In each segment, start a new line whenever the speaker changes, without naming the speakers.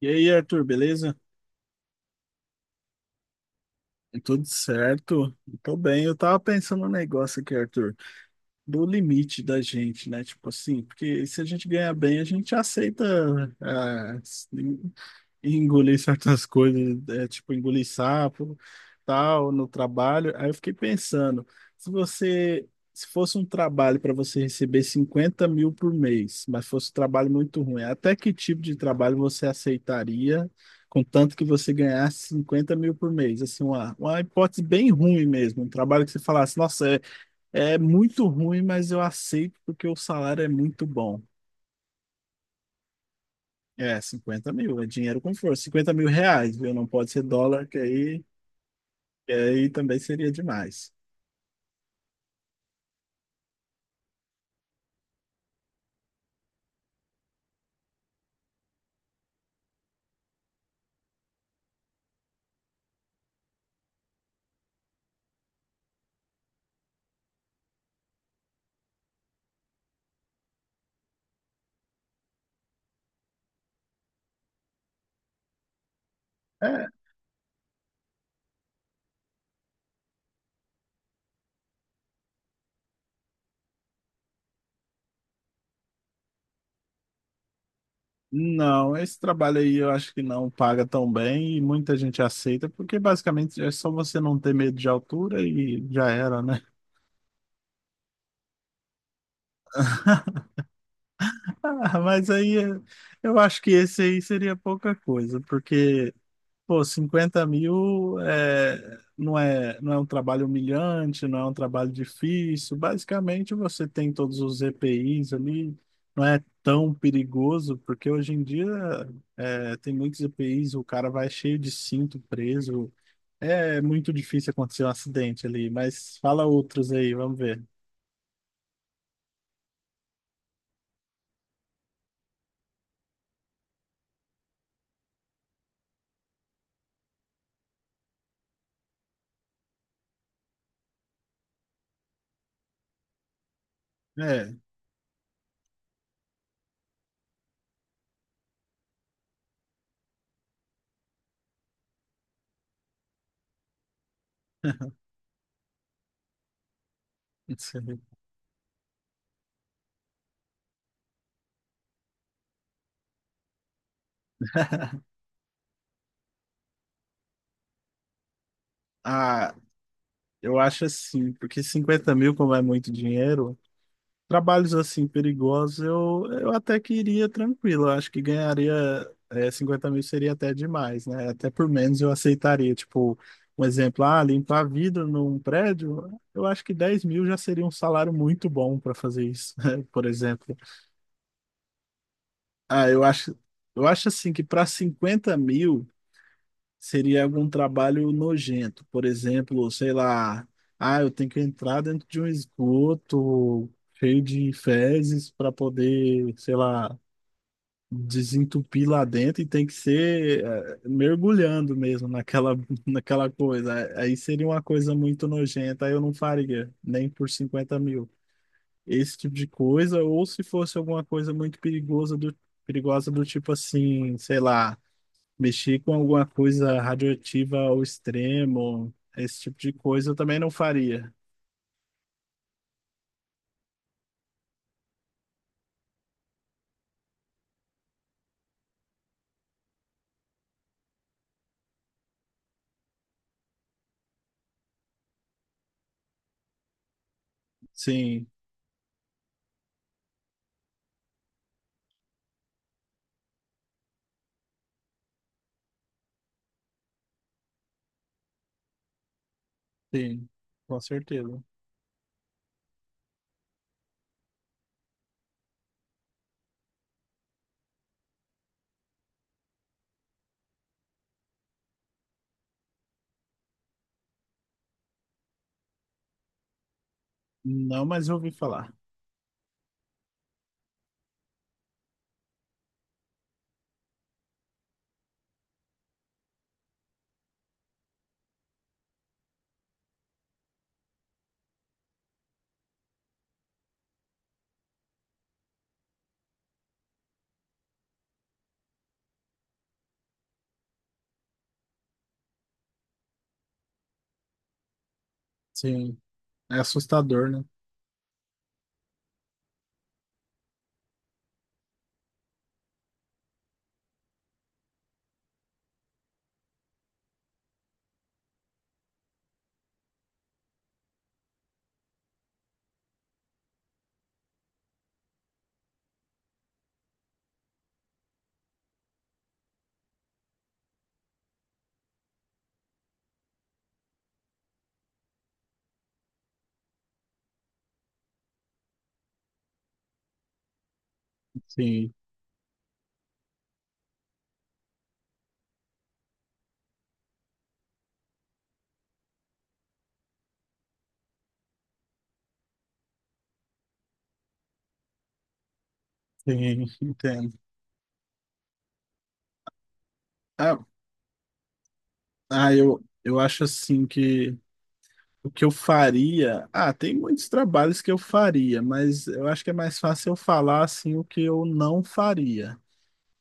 E aí, Arthur, beleza? Tudo certo? Tô bem. Eu tava pensando no negócio aqui, Arthur, do limite da gente, né? Tipo assim, porque se a gente ganhar bem, a gente aceita ah, e engolir certas coisas, é, tipo engolir sapo, tal, no trabalho. Aí eu fiquei pensando, se você, se fosse um trabalho para você receber 50 mil por mês, mas fosse um trabalho muito ruim, até que tipo de trabalho você aceitaria, contanto que você ganhasse 50 mil por mês? Assim, uma hipótese bem ruim mesmo, um trabalho que você falasse, nossa, é, é muito ruim, mas eu aceito porque o salário é muito bom. É, 50 mil, é dinheiro com força. 50 mil reais, viu? Não pode ser dólar, que aí também seria demais. É, não, esse trabalho aí eu acho que não paga tão bem e muita gente aceita, porque basicamente é só você não ter medo de altura e já era, né? Mas aí eu acho que esse aí seria pouca coisa, porque Pô, 50 mil é, não é um trabalho humilhante, não é um trabalho difícil. Basicamente, você tem todos os EPIs ali, não é tão perigoso, porque hoje em dia é, tem muitos EPIs, o cara vai cheio de cinto preso. É muito difícil acontecer um acidente ali, mas fala outros aí, vamos ver. É. Ah, eu acho assim, porque 50 mil, como é muito dinheiro, trabalhos assim perigosos, eu até que iria tranquilo. Eu acho que ganharia 50 mil seria até demais, né? Até por menos eu aceitaria. Tipo, um exemplo, ah, limpar vidro num prédio, eu acho que 10 mil já seria um salário muito bom para fazer isso, né? Por exemplo. Ah, eu acho, eu acho assim que para 50 mil seria algum trabalho nojento, por exemplo, sei lá, ah, eu tenho que entrar dentro de um esgoto cheio de fezes para poder, sei lá, desentupir lá dentro e tem que ser mergulhando mesmo naquela naquela coisa. Aí seria uma coisa muito nojenta, aí eu não faria, nem por 50 mil. Esse tipo de coisa, ou se fosse alguma coisa muito perigosa do tipo assim, sei lá, mexer com alguma coisa radioativa ao extremo, esse tipo de coisa eu também não faria. Sim, sim, com certeza. Não, mas eu ouvi falar. Sim, é assustador, né? Sim, sim, entendo. Ah, eu acho assim que o que eu faria. Ah, tem muitos trabalhos que eu faria, mas eu acho que é mais fácil eu falar assim o que eu não faria.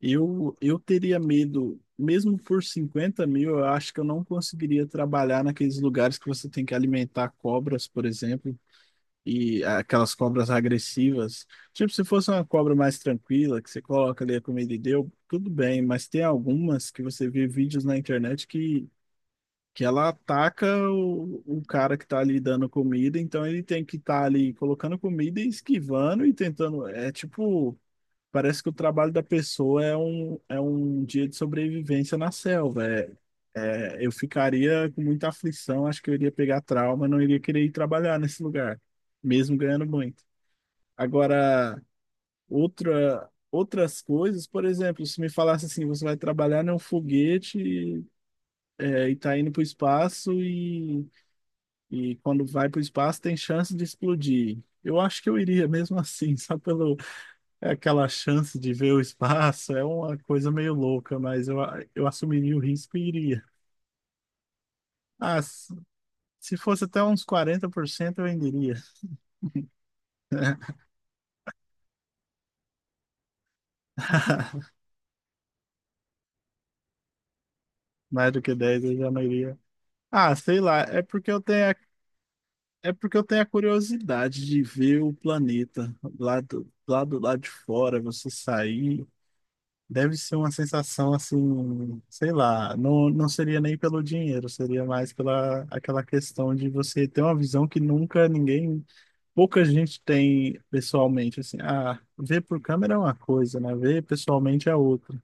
Eu teria medo, mesmo por 50 mil, eu acho que eu não conseguiria trabalhar naqueles lugares que você tem que alimentar cobras, por exemplo, e aquelas cobras agressivas. Tipo, se fosse uma cobra mais tranquila, que você coloca ali a comida e deu, tudo bem, mas tem algumas que você vê vídeos na internet que ela ataca o cara que tá ali dando comida, então ele tem que estar ali colocando comida e esquivando e tentando. É tipo. Parece que o trabalho da pessoa é é um dia de sobrevivência na selva. Eu ficaria com muita aflição, acho que eu iria pegar trauma, não iria querer ir trabalhar nesse lugar, mesmo ganhando muito. Agora, outras coisas, por exemplo, se me falasse assim, você vai trabalhar num foguete e tá indo para o espaço, e quando vai para o espaço tem chance de explodir. Eu acho que eu iria mesmo assim, só pelo, é aquela chance de ver o espaço, é uma coisa meio louca, eu assumiria o risco e iria. Ah, s- Se fosse até uns 40% eu ainda iria. Mais do que 10 eu já não iria. Ah, sei lá, é porque eu tenho a, é porque eu tenho a curiosidade de ver o planeta lá do lado de fora, você sair. Deve ser uma sensação assim, sei lá, não seria nem pelo dinheiro, seria mais pela aquela questão de você ter uma visão que nunca ninguém, pouca gente tem pessoalmente, assim, ah, ver por câmera é uma coisa, né? Ver pessoalmente é outra.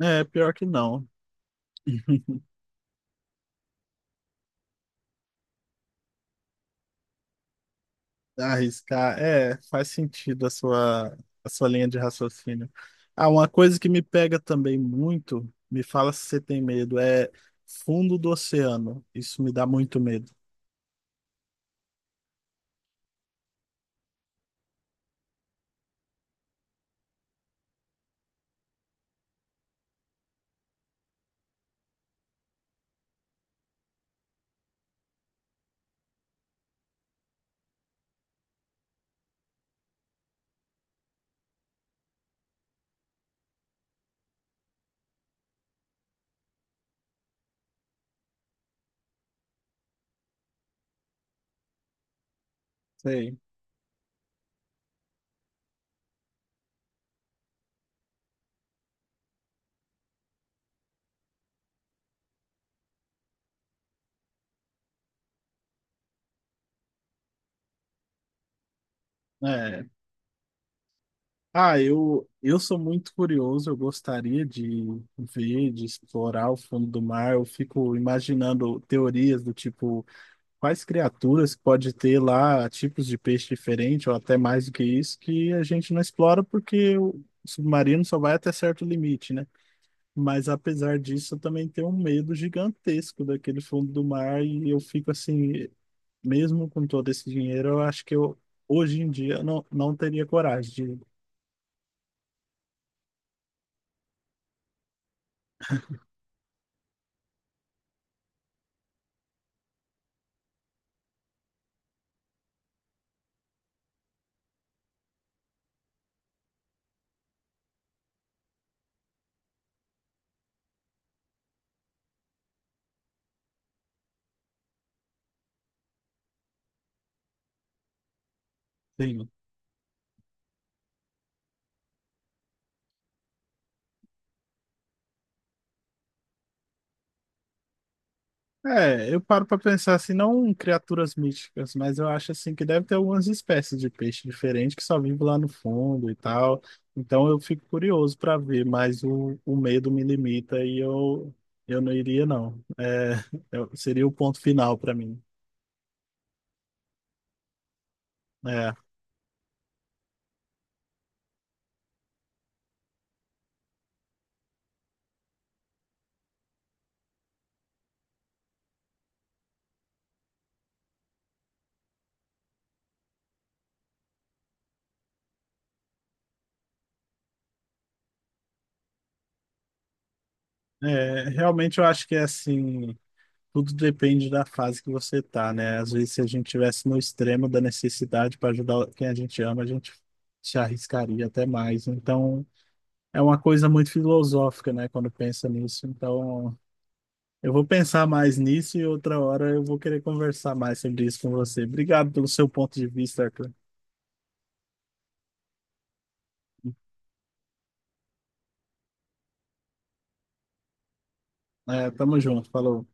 É, pior que não. Arriscar, é, faz sentido a sua linha de raciocínio. Ah, uma coisa que me pega também muito, me fala se você tem medo, é fundo do oceano. Isso me dá muito medo. Sei. É. Eu sou muito curioso, eu gostaria de ver, de explorar o fundo do mar. Eu fico imaginando teorias do tipo, quais criaturas pode ter lá, tipos de peixe diferente, ou até mais do que isso, que a gente não explora porque o submarino só vai até certo limite, né? Mas apesar disso, eu também tenho um medo gigantesco daquele fundo do mar e eu fico assim, mesmo com todo esse dinheiro, eu acho que eu hoje em dia não, não teria coragem de. Sim. É, eu paro pra pensar assim, não criaturas míticas, mas eu acho assim que deve ter algumas espécies de peixe diferente que só vive lá no fundo e tal. Então eu fico curioso pra ver, mas o medo me limita eu não iria não. É, eu seria o ponto final pra mim. É, realmente eu acho que é assim, tudo depende da fase que você tá, né? Às vezes se a gente tivesse no extremo da necessidade para ajudar quem a gente ama, a gente se arriscaria até mais. Então é uma coisa muito filosófica, né, quando pensa nisso. Então, eu vou pensar mais nisso e outra hora eu vou querer conversar mais sobre isso com você. Obrigado pelo seu ponto de vista, Arthur. É, tamo junto, falou.